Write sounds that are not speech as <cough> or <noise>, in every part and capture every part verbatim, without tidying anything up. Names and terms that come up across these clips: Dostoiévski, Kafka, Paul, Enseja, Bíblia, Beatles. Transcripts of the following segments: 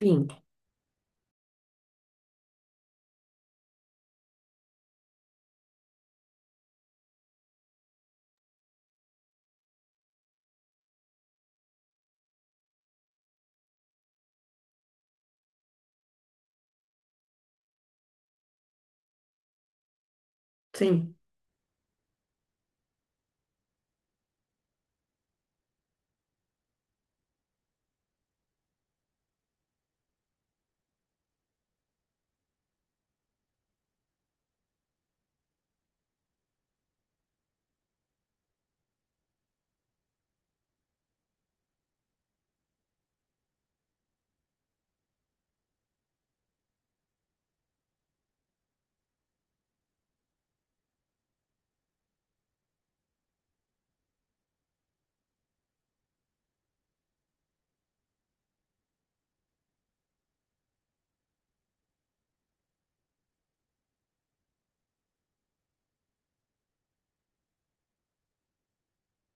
Sim, sim,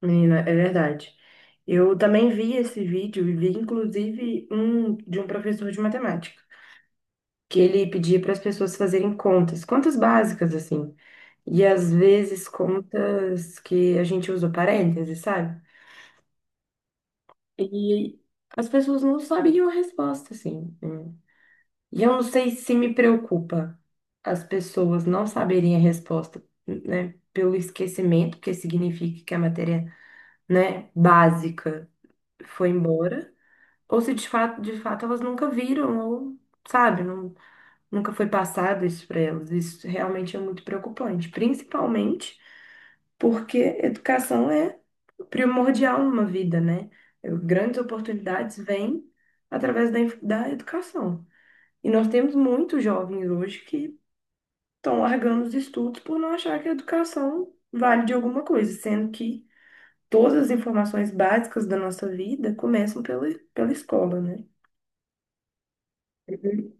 menina, é verdade. Eu também vi esse vídeo e vi inclusive um de um professor de matemática, que ele pedia para as pessoas fazerem contas, contas básicas assim, e às vezes contas que a gente usa parênteses, sabe? E as pessoas não sabiam a resposta, assim. né? E eu não sei se me preocupa as pessoas não saberem a resposta, né? Pelo esquecimento, que significa que a matéria, né, básica. foi embora, ou se de fato, de fato elas nunca viram, ou, sabe, não, nunca foi passado isso para elas. Isso realmente é muito preocupante, principalmente porque educação é primordial numa vida, né? Eu- Grandes oportunidades vêm através da, inf- da educação. E nós temos muitos jovens hoje que estão largando os estudos por não achar que a educação vale de alguma coisa, sendo que todas as informações básicas da nossa vida começam pela, pela escola, né? Uhum.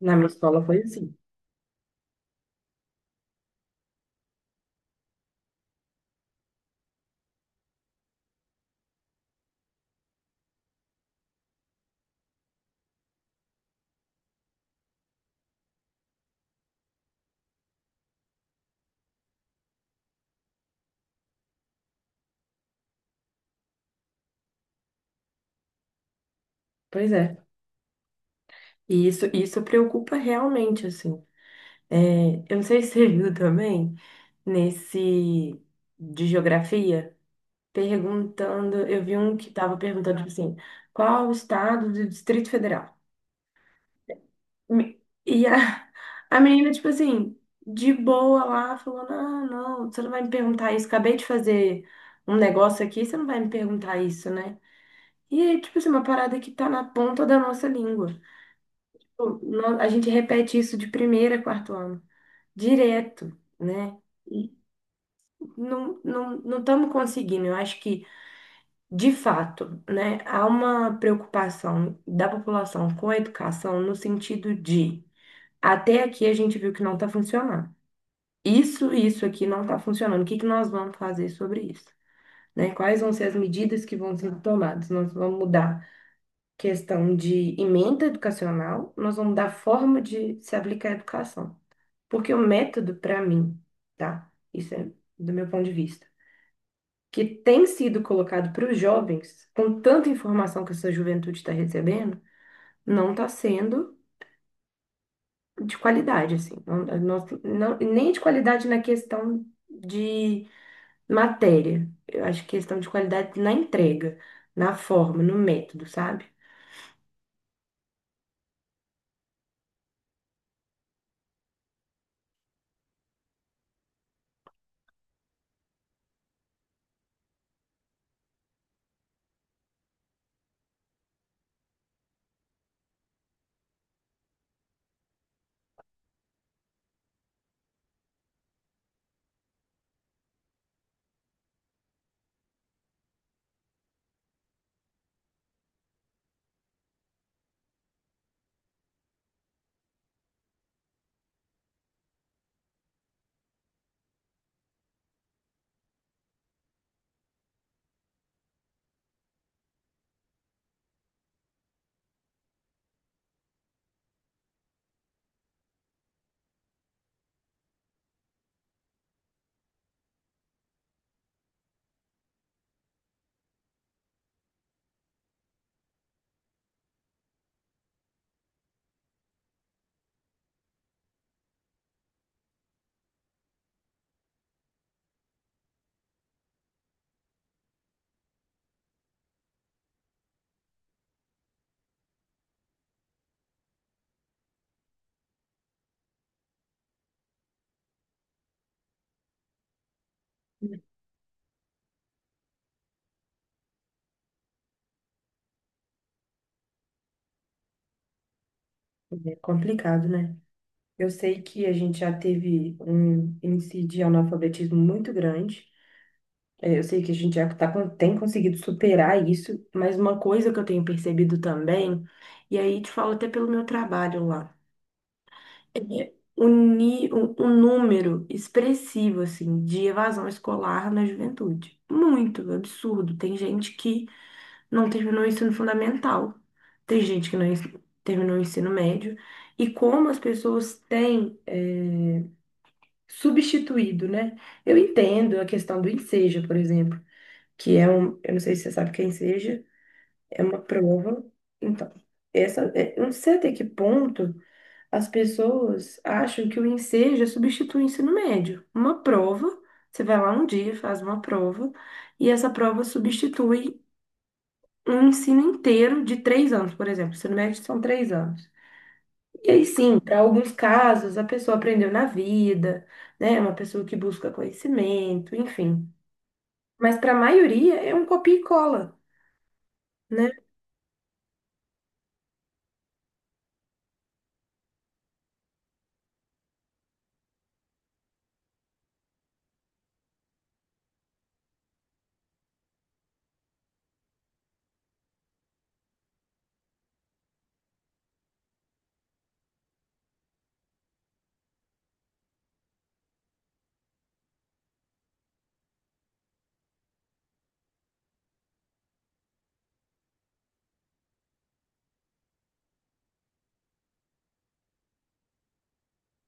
Na minha escola foi assim. Pois é. E isso, isso preocupa realmente, assim. É, eu não sei se você <laughs> viu também, nesse de geografia, perguntando, eu vi um que estava perguntando, tipo assim, qual o estado do Distrito Federal? Me- E a, <laughs> a menina, tipo assim, de boa lá, falou: Não, não, você não vai me perguntar isso. Acabei de fazer um negócio aqui, você não vai me perguntar isso, né? E é, tipo assim, uma parada que tá na ponta da nossa língua. Tipo, nó- A gente repete isso de primeira a quarto ano, direto, né? E não, não, não estamos conseguindo. Eu acho que, de fato, né, há uma preocupação da população com a educação no sentido de. Até aqui a gente viu que não está funcionando. isso isso aqui não está funcionando. O que que nós vamos fazer sobre isso? Né? Quais vão ser as medidas que vão ser tomadas? Nós vamos mudar questão de emenda educacional, nós vamos mudar a forma de se aplicar a educação. Porque o método, para mim, tá? Isso é do meu ponto de vista, que tem sido colocado para os jovens, com tanta informação que essa juventude está recebendo, não está sendo de qualidade, assim. Não, nós- não- nem de qualidade na questão de matéria. Eu acho que questão de qualidade na entrega, na forma, no método, sabe? É complicado, né? Eu sei que a gente já teve um índice de analfabetismo muito grande. É, Eu sei que a gente já tá, con- tem conseguido superar isso, mas uma coisa que eu tenho percebido também, e aí te falo até pelo meu trabalho lá, é o, ni- o- o número expressivo, assim, de evasão escolar na juventude. Muito absurdo. Tem gente que não terminou o ensino fundamental. Tem gente que não ens- terminou o ensino médio. E como as pessoas têm eh, substituído, né? Eu entendo a questão do Enseja, por exemplo, que é um. Eu não sei se você sabe o que é Enseja, é uma prova. Então, essa, eh, eu não sei até que ponto as pessoas acham que o Enseja substitui o ensino médio. Uma prova, você vai lá um dia, faz uma prova, e essa prova substitui um ensino inteiro de três anos, por exemplo. O Ensino médio são três anos. E aí sim, para alguns casos, a pessoa aprendeu na vida, né? É Uma pessoa que busca conhecimento, enfim. Mas para a maioria é um copia e cola, né?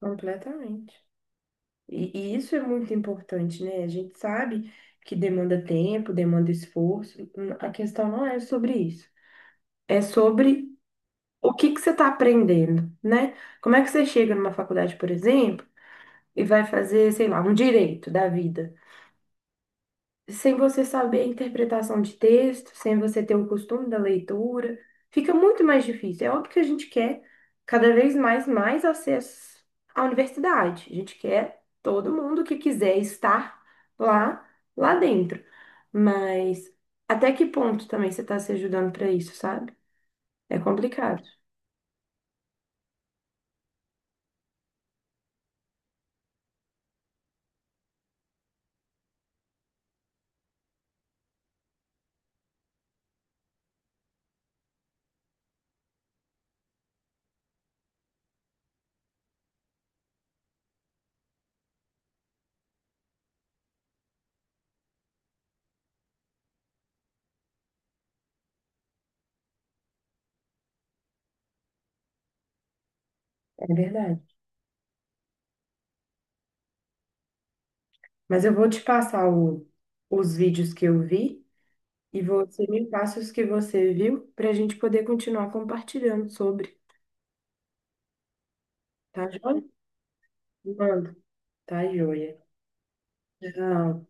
Completamente. E, e isso é muito importante, né? A gente sabe que demanda tempo, demanda esforço. A questão não é sobre isso. É sobre o que que você está aprendendo, né? Como é que você chega numa faculdade, por exemplo? e vai fazer, sei lá, um direito da vida, sem você saber a interpretação de texto, sem você ter o costume da leitura, fica muito mais difícil. É óbvio que a gente quer cada vez mais mais acesso à universidade. A gente quer todo mundo que quiser estar lá, lá dentro. Mas até que ponto também você está se ajudando para isso, sabe? É complicado, é verdade. Mas eu vou te passar o- os vídeos que eu vi. E você me passa os que você viu para a gente poder continuar compartilhando sobre. Tá joia? Mando. Tá joia. Tchau.